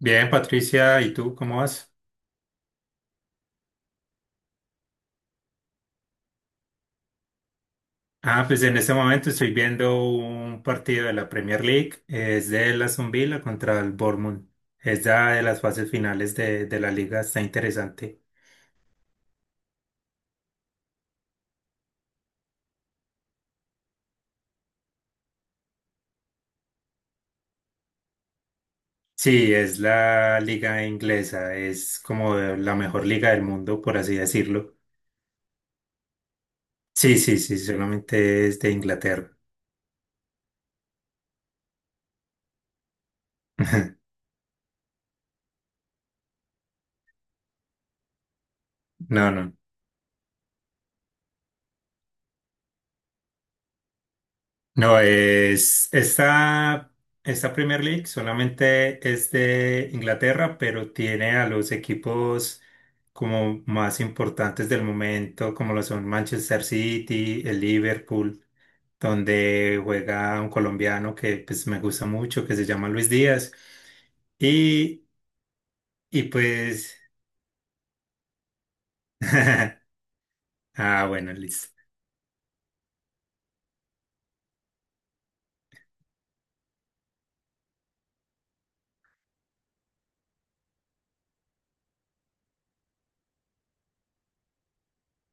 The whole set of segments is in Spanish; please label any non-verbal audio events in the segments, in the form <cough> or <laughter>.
Bien, Patricia, ¿y tú cómo vas? Ah, pues en este momento estoy viendo un partido de la Premier League. Es de la Aston Villa contra el Bournemouth. Es la de las fases finales de la liga, está interesante. Sí, es la liga inglesa, es como la mejor liga del mundo, por así decirlo. Sí, sí, sí, solamente es de Inglaterra. <laughs> No, no. No, es esta Premier League solamente es de Inglaterra, pero tiene a los equipos como más importantes del momento, como lo son Manchester City, el Liverpool, donde juega un colombiano que pues me gusta mucho, que se llama Luis Díaz. Y, y pues, <laughs> ah, bueno, listo.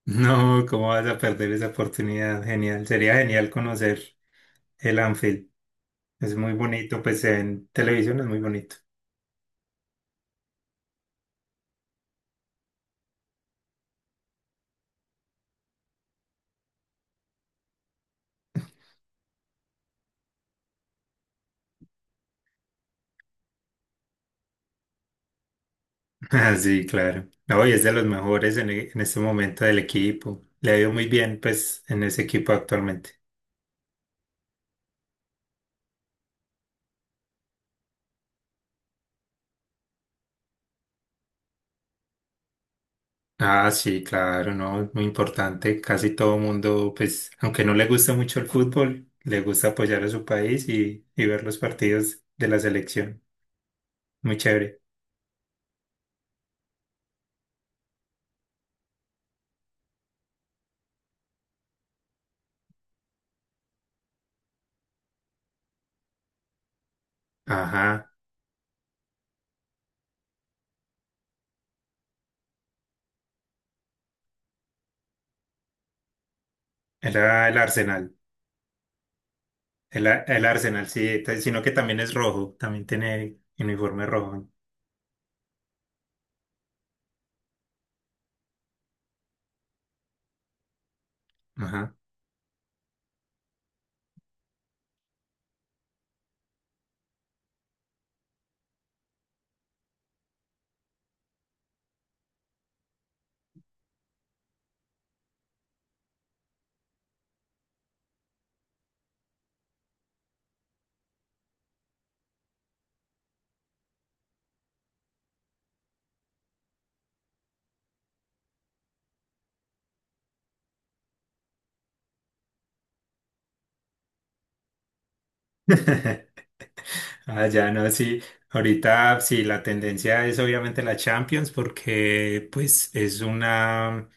No, ¿cómo vas a perder esa oportunidad? Genial, sería genial conocer el Anfield. Es muy bonito, pues en televisión es muy bonito. <laughs> Ah, sí, claro. No, y es de los mejores en este momento del equipo. Le ha ido muy bien, pues, en ese equipo actualmente. Ah, sí, claro, no, es muy importante. Casi todo mundo, pues, aunque no le gusta mucho el fútbol, le gusta apoyar a su país y ver los partidos de la selección. Muy chévere. Ajá, era el Arsenal. El, el Arsenal, sí, sino que también es rojo, también tiene uniforme rojo. Ajá. <laughs> Ah, ya no, sí. Ahorita sí, la tendencia es obviamente la Champions porque pues es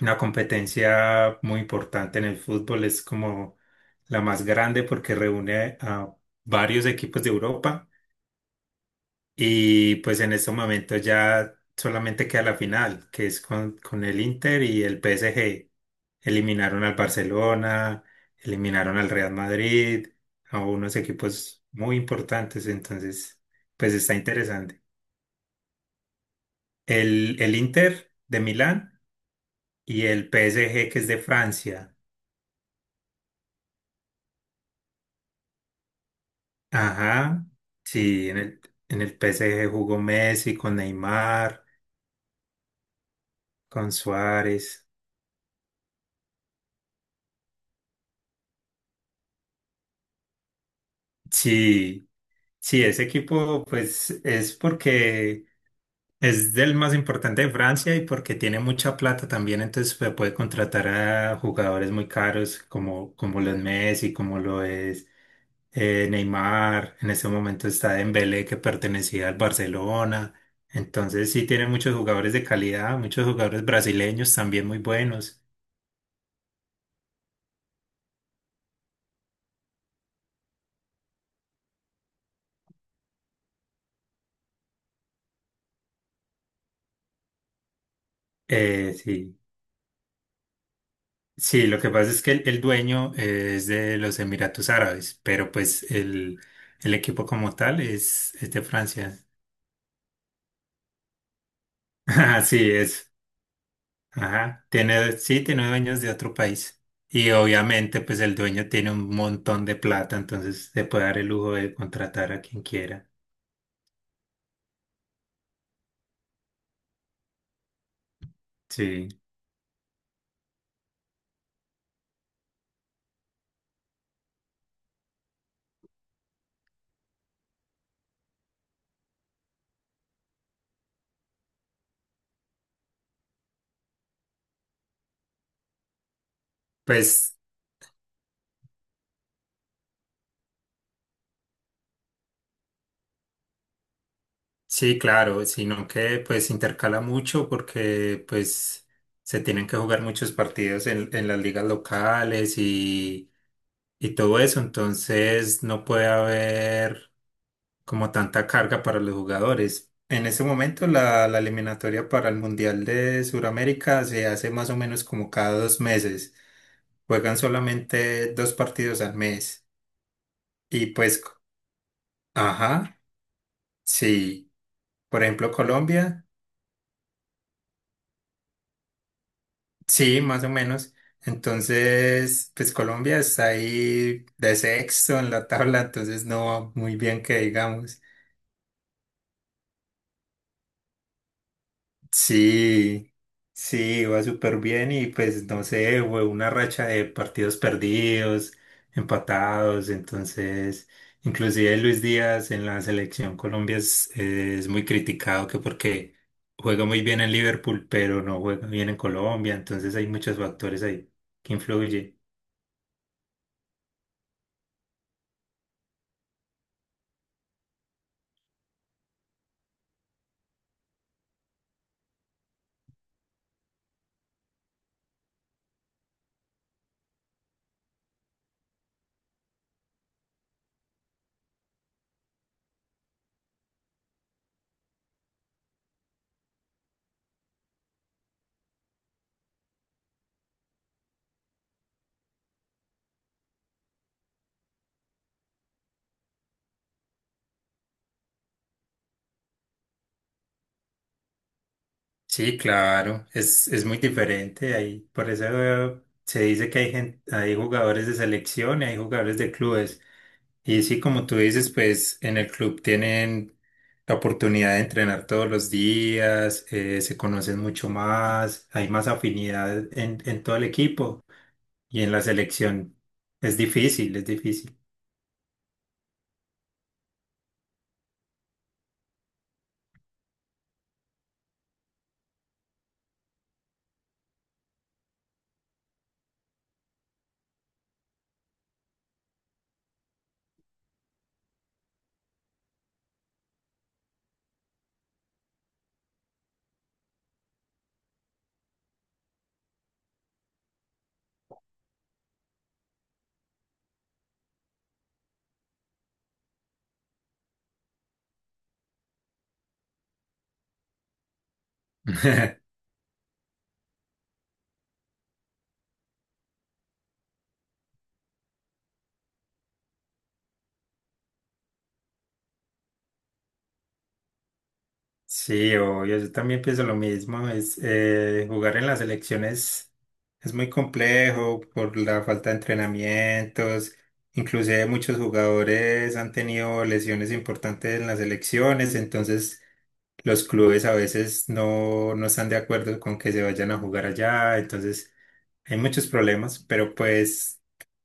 una competencia muy importante en el fútbol. Es como la más grande porque reúne a varios equipos de Europa y pues en este momento ya solamente queda la final, que es con el Inter y el PSG. Eliminaron al Barcelona, eliminaron al Real Madrid, a unos equipos muy importantes, entonces, pues está interesante. El Inter de Milán y el PSG que es de Francia. Ajá, sí, en el PSG jugó Messi con Neymar, con Suárez. Sí, sí, ese equipo pues es porque es del más importante de Francia y porque tiene mucha plata también, entonces se puede contratar a jugadores muy caros como, como lo es Messi, como lo es Neymar. En este momento está Dembélé que pertenecía al Barcelona. Entonces sí tiene muchos jugadores de calidad, muchos jugadores brasileños también muy buenos. Sí. Sí, lo que pasa es que el dueño es de los Emiratos Árabes, pero pues el equipo como tal es de Francia. <laughs> Sí, es. Ajá, tiene, sí, tiene dueños de otro país. Y obviamente, pues el dueño tiene un montón de plata, entonces se puede dar el lujo de contratar a quien quiera. Sí, pues sí, claro, sino que pues intercala mucho porque pues se tienen que jugar muchos partidos en las ligas locales y todo eso, entonces no puede haber como tanta carga para los jugadores. En ese momento la eliminatoria para el Mundial de Sudamérica se hace más o menos como cada dos meses. Juegan solamente dos partidos al mes. Y pues, ajá, sí. Por ejemplo, Colombia, sí, más o menos. Entonces, pues Colombia está ahí de sexto en la tabla, entonces no va muy bien que digamos. Sí, sí, iba súper bien y pues no sé, fue una racha de partidos perdidos, empatados, entonces inclusive Luis Díaz en la selección Colombia es muy criticado que porque juega muy bien en Liverpool, pero no juega bien en Colombia, entonces hay muchos factores ahí que influyen. Sí, claro, es muy diferente ahí, por eso se dice que hay gente, hay jugadores de selección y hay jugadores de clubes. Y sí, como tú dices, pues en el club tienen la oportunidad de entrenar todos los días, se conocen mucho más, hay más afinidad en todo el equipo y en la selección. Es difícil, es difícil. <laughs> Sí, obvio, yo también pienso lo mismo. Es, jugar en las selecciones es muy complejo por la falta de entrenamientos. Inclusive muchos jugadores han tenido lesiones importantes en las selecciones, entonces los clubes a veces no, no están de acuerdo con que se vayan a jugar allá, entonces hay muchos problemas, pero pues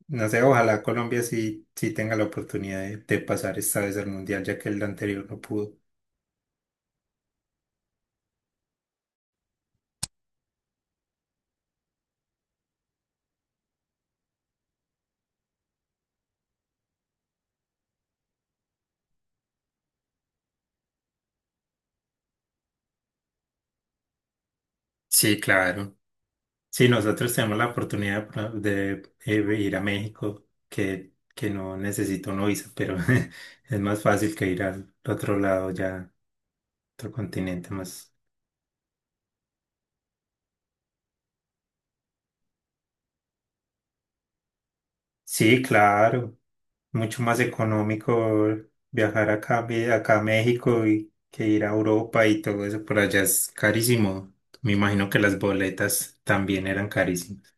no sé, ojalá Colombia sí, sí tenga la oportunidad de pasar esta vez al Mundial, ya que el anterior no pudo. Sí, claro. Sí, nosotros tenemos la oportunidad de ir a México, que no necesito una visa, pero <laughs> es más fácil que ir al otro lado ya, otro continente más. Sí, claro. Mucho más económico viajar acá, a acá a México y que ir a Europa y todo eso por allá es carísimo. Me imagino que las boletas también eran carísimas.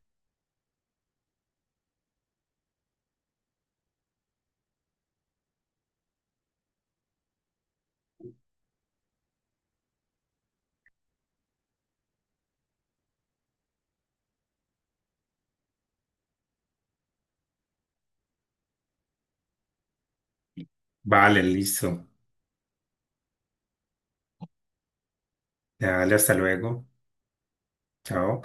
Vale, listo. Dale, hasta luego. Chao.